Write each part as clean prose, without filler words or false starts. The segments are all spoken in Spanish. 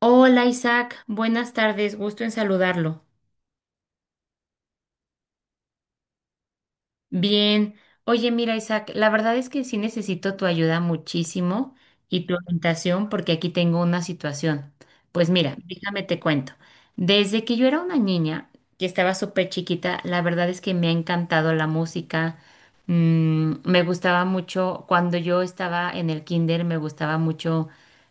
Hola Isaac, buenas tardes, gusto en saludarlo. Bien. Oye, mira, Isaac, la verdad es que sí necesito tu ayuda muchísimo y tu orientación porque aquí tengo una situación. Pues mira, déjame te cuento. Desde que yo era una niña, que estaba súper chiquita, la verdad es que me ha encantado la música. Mm, me gustaba mucho, cuando yo estaba en el kinder, me gustaba mucho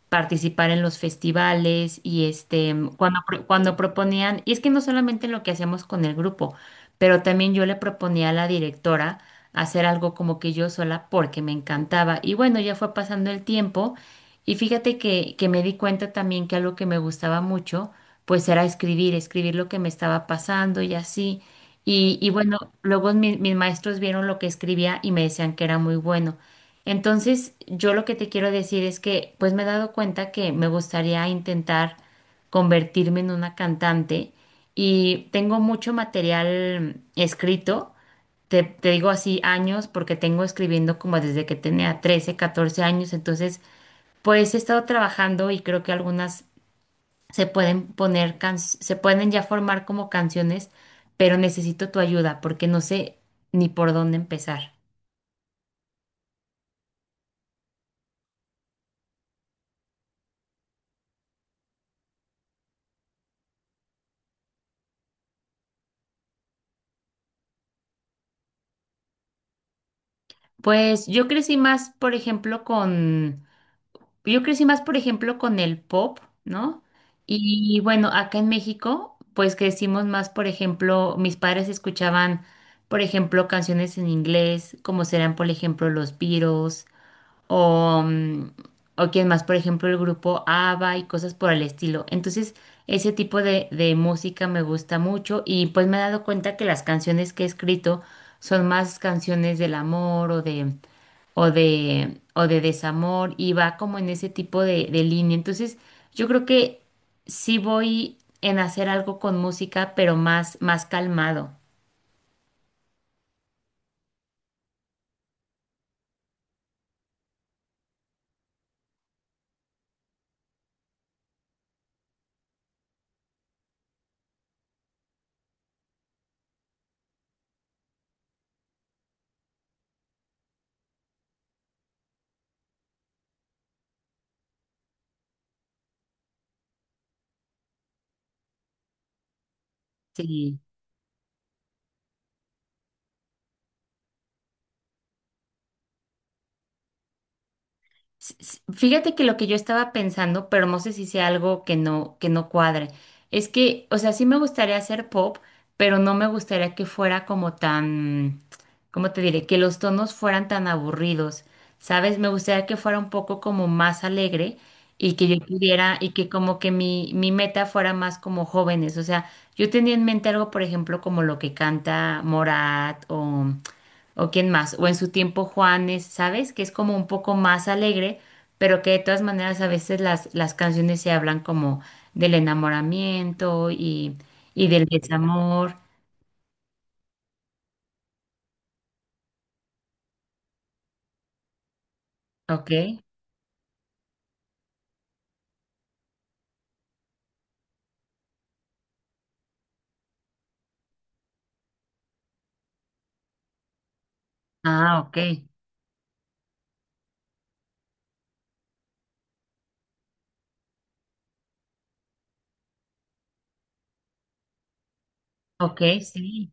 participar en los festivales y este, cuando, cuando proponían, y es que no solamente en lo que hacíamos con el grupo, pero también yo le proponía a la directora hacer algo como que yo sola porque me encantaba. Y bueno, ya fue pasando el tiempo y fíjate que me di cuenta también que algo que me gustaba mucho, pues era escribir, escribir lo que me estaba pasando y así. Y bueno, luego mis maestros vieron lo que escribía y me decían que era muy bueno. Entonces, yo lo que te quiero decir es que pues me he dado cuenta que me gustaría intentar convertirme en una cantante y tengo mucho material escrito. Te digo así años porque tengo escribiendo como desde que tenía 13 14 años. Entonces, pues he estado trabajando y creo que algunas se pueden poner, se pueden ya formar como canciones, pero necesito tu ayuda porque no sé ni por dónde empezar. Pues yo crecí más, por ejemplo, con yo crecí más, por ejemplo, con el pop, ¿no? Y bueno, acá en México, pues crecimos más, por ejemplo, mis padres escuchaban, por ejemplo, canciones en inglés, como serán, por ejemplo, los Beatles, o, o quién más, por ejemplo, el grupo ABBA y cosas por el estilo. Entonces, ese tipo de música me gusta mucho y pues me he dado cuenta que las canciones que he escrito son más canciones del amor o de o de, o de desamor y va como en ese tipo de línea. Entonces, yo creo que sí voy en hacer algo con música, pero más, más calmado. Sí. Fíjate que lo que yo estaba pensando, pero no sé si sea algo que no cuadre, es que, o sea, sí me gustaría hacer pop, pero no me gustaría que fuera como tan, ¿cómo te diré? Que los tonos fueran tan aburridos, ¿sabes? Me gustaría que fuera un poco como más alegre y que yo pudiera, y que como que mi meta fuera más como jóvenes, o sea, yo tenía en mente algo, por ejemplo, como lo que canta Morat o quién más, o en su tiempo Juanes, ¿sabes? Que es como un poco más alegre, pero que de todas maneras a veces las canciones se hablan como del enamoramiento y del desamor, ¿ok? Ah, ok, ok, sí,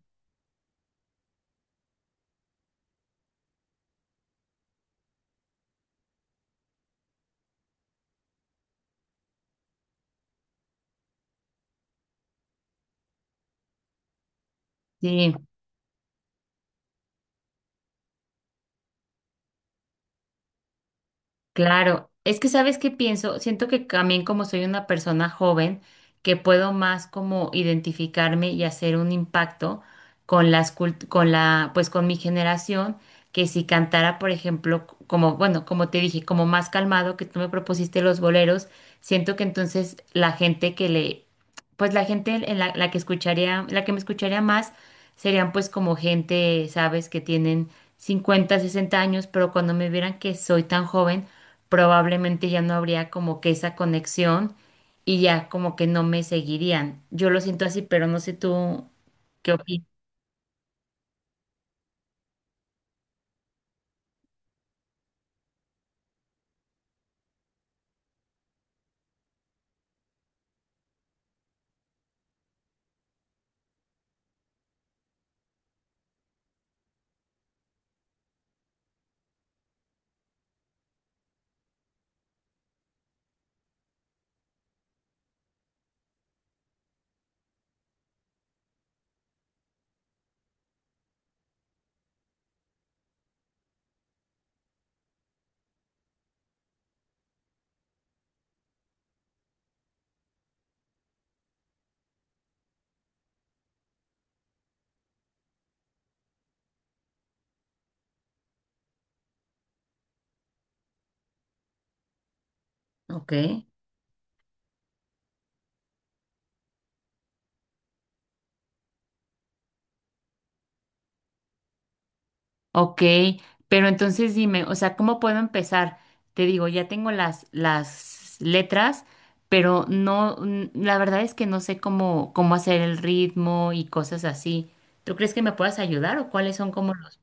sí. Claro, es que sabes qué pienso, siento que también como soy una persona joven, que puedo más como identificarme y hacer un impacto con las con la, pues con mi generación, que si cantara, por ejemplo, como, bueno, como te dije, como más calmado, que tú me propusiste los boleros, siento que entonces la gente que le, pues la gente en la, la que escucharía, la que me escucharía más, serían pues como gente, sabes, que tienen 50 60 años, pero cuando me vieran que soy tan joven, probablemente ya no habría como que esa conexión y ya como que no me seguirían. Yo lo siento así, pero no sé tú qué opinas. Ok. Ok, pero entonces dime, o sea, ¿cómo puedo empezar? Te digo, ya tengo las letras, pero no, la verdad es que no sé cómo, cómo hacer el ritmo y cosas así. ¿Tú crees que me puedas ayudar o cuáles son como los...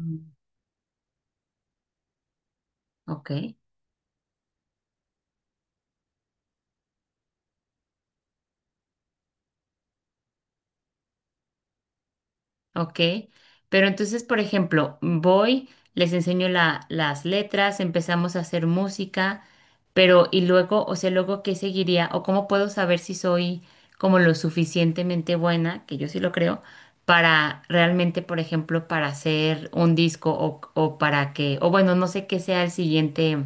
Mm, ok. Ok, pero entonces, por ejemplo, voy, les enseño las letras, empezamos a hacer música, pero y luego, o sea, luego, ¿qué seguiría? ¿O cómo puedo saber si soy como lo suficientemente buena, que yo sí lo creo, para realmente, por ejemplo, para hacer un disco o para que, o bueno, no sé qué sea el siguiente.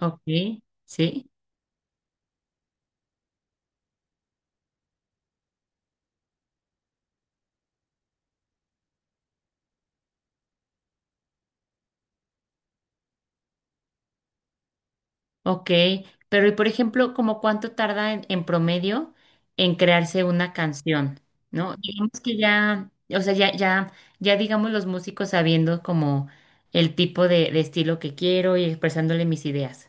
Ok, sí. Ok, pero y por ejemplo, ¿como cuánto tarda en promedio en crearse una canción? ¿No? Digamos que ya, o sea, ya, ya, ya digamos los músicos sabiendo como el tipo de estilo que quiero y expresándole mis ideas.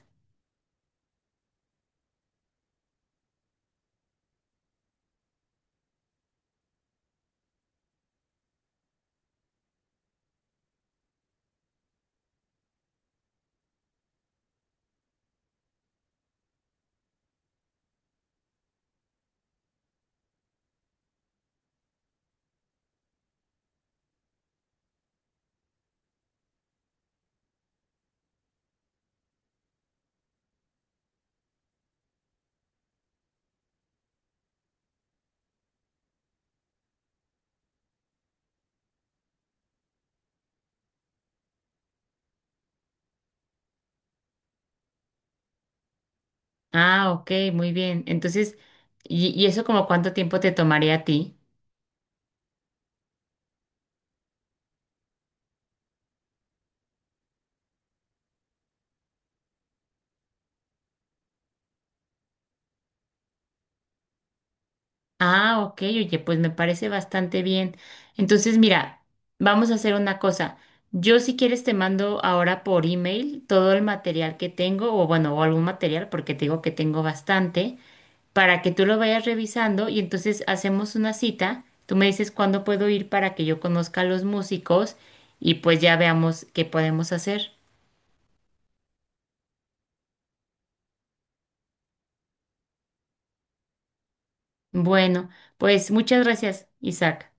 Ah, ok, muy bien. Entonces, y eso como cuánto tiempo te tomaría a ti? Ah, ok, oye, pues me parece bastante bien. Entonces, mira, vamos a hacer una cosa. Yo, si quieres, te mando ahora por email todo el material que tengo, o bueno, o algún material, porque te digo que tengo bastante, para que tú lo vayas revisando y entonces hacemos una cita. Tú me dices cuándo puedo ir para que yo conozca a los músicos y pues ya veamos qué podemos hacer. Bueno, pues muchas gracias, Isaac.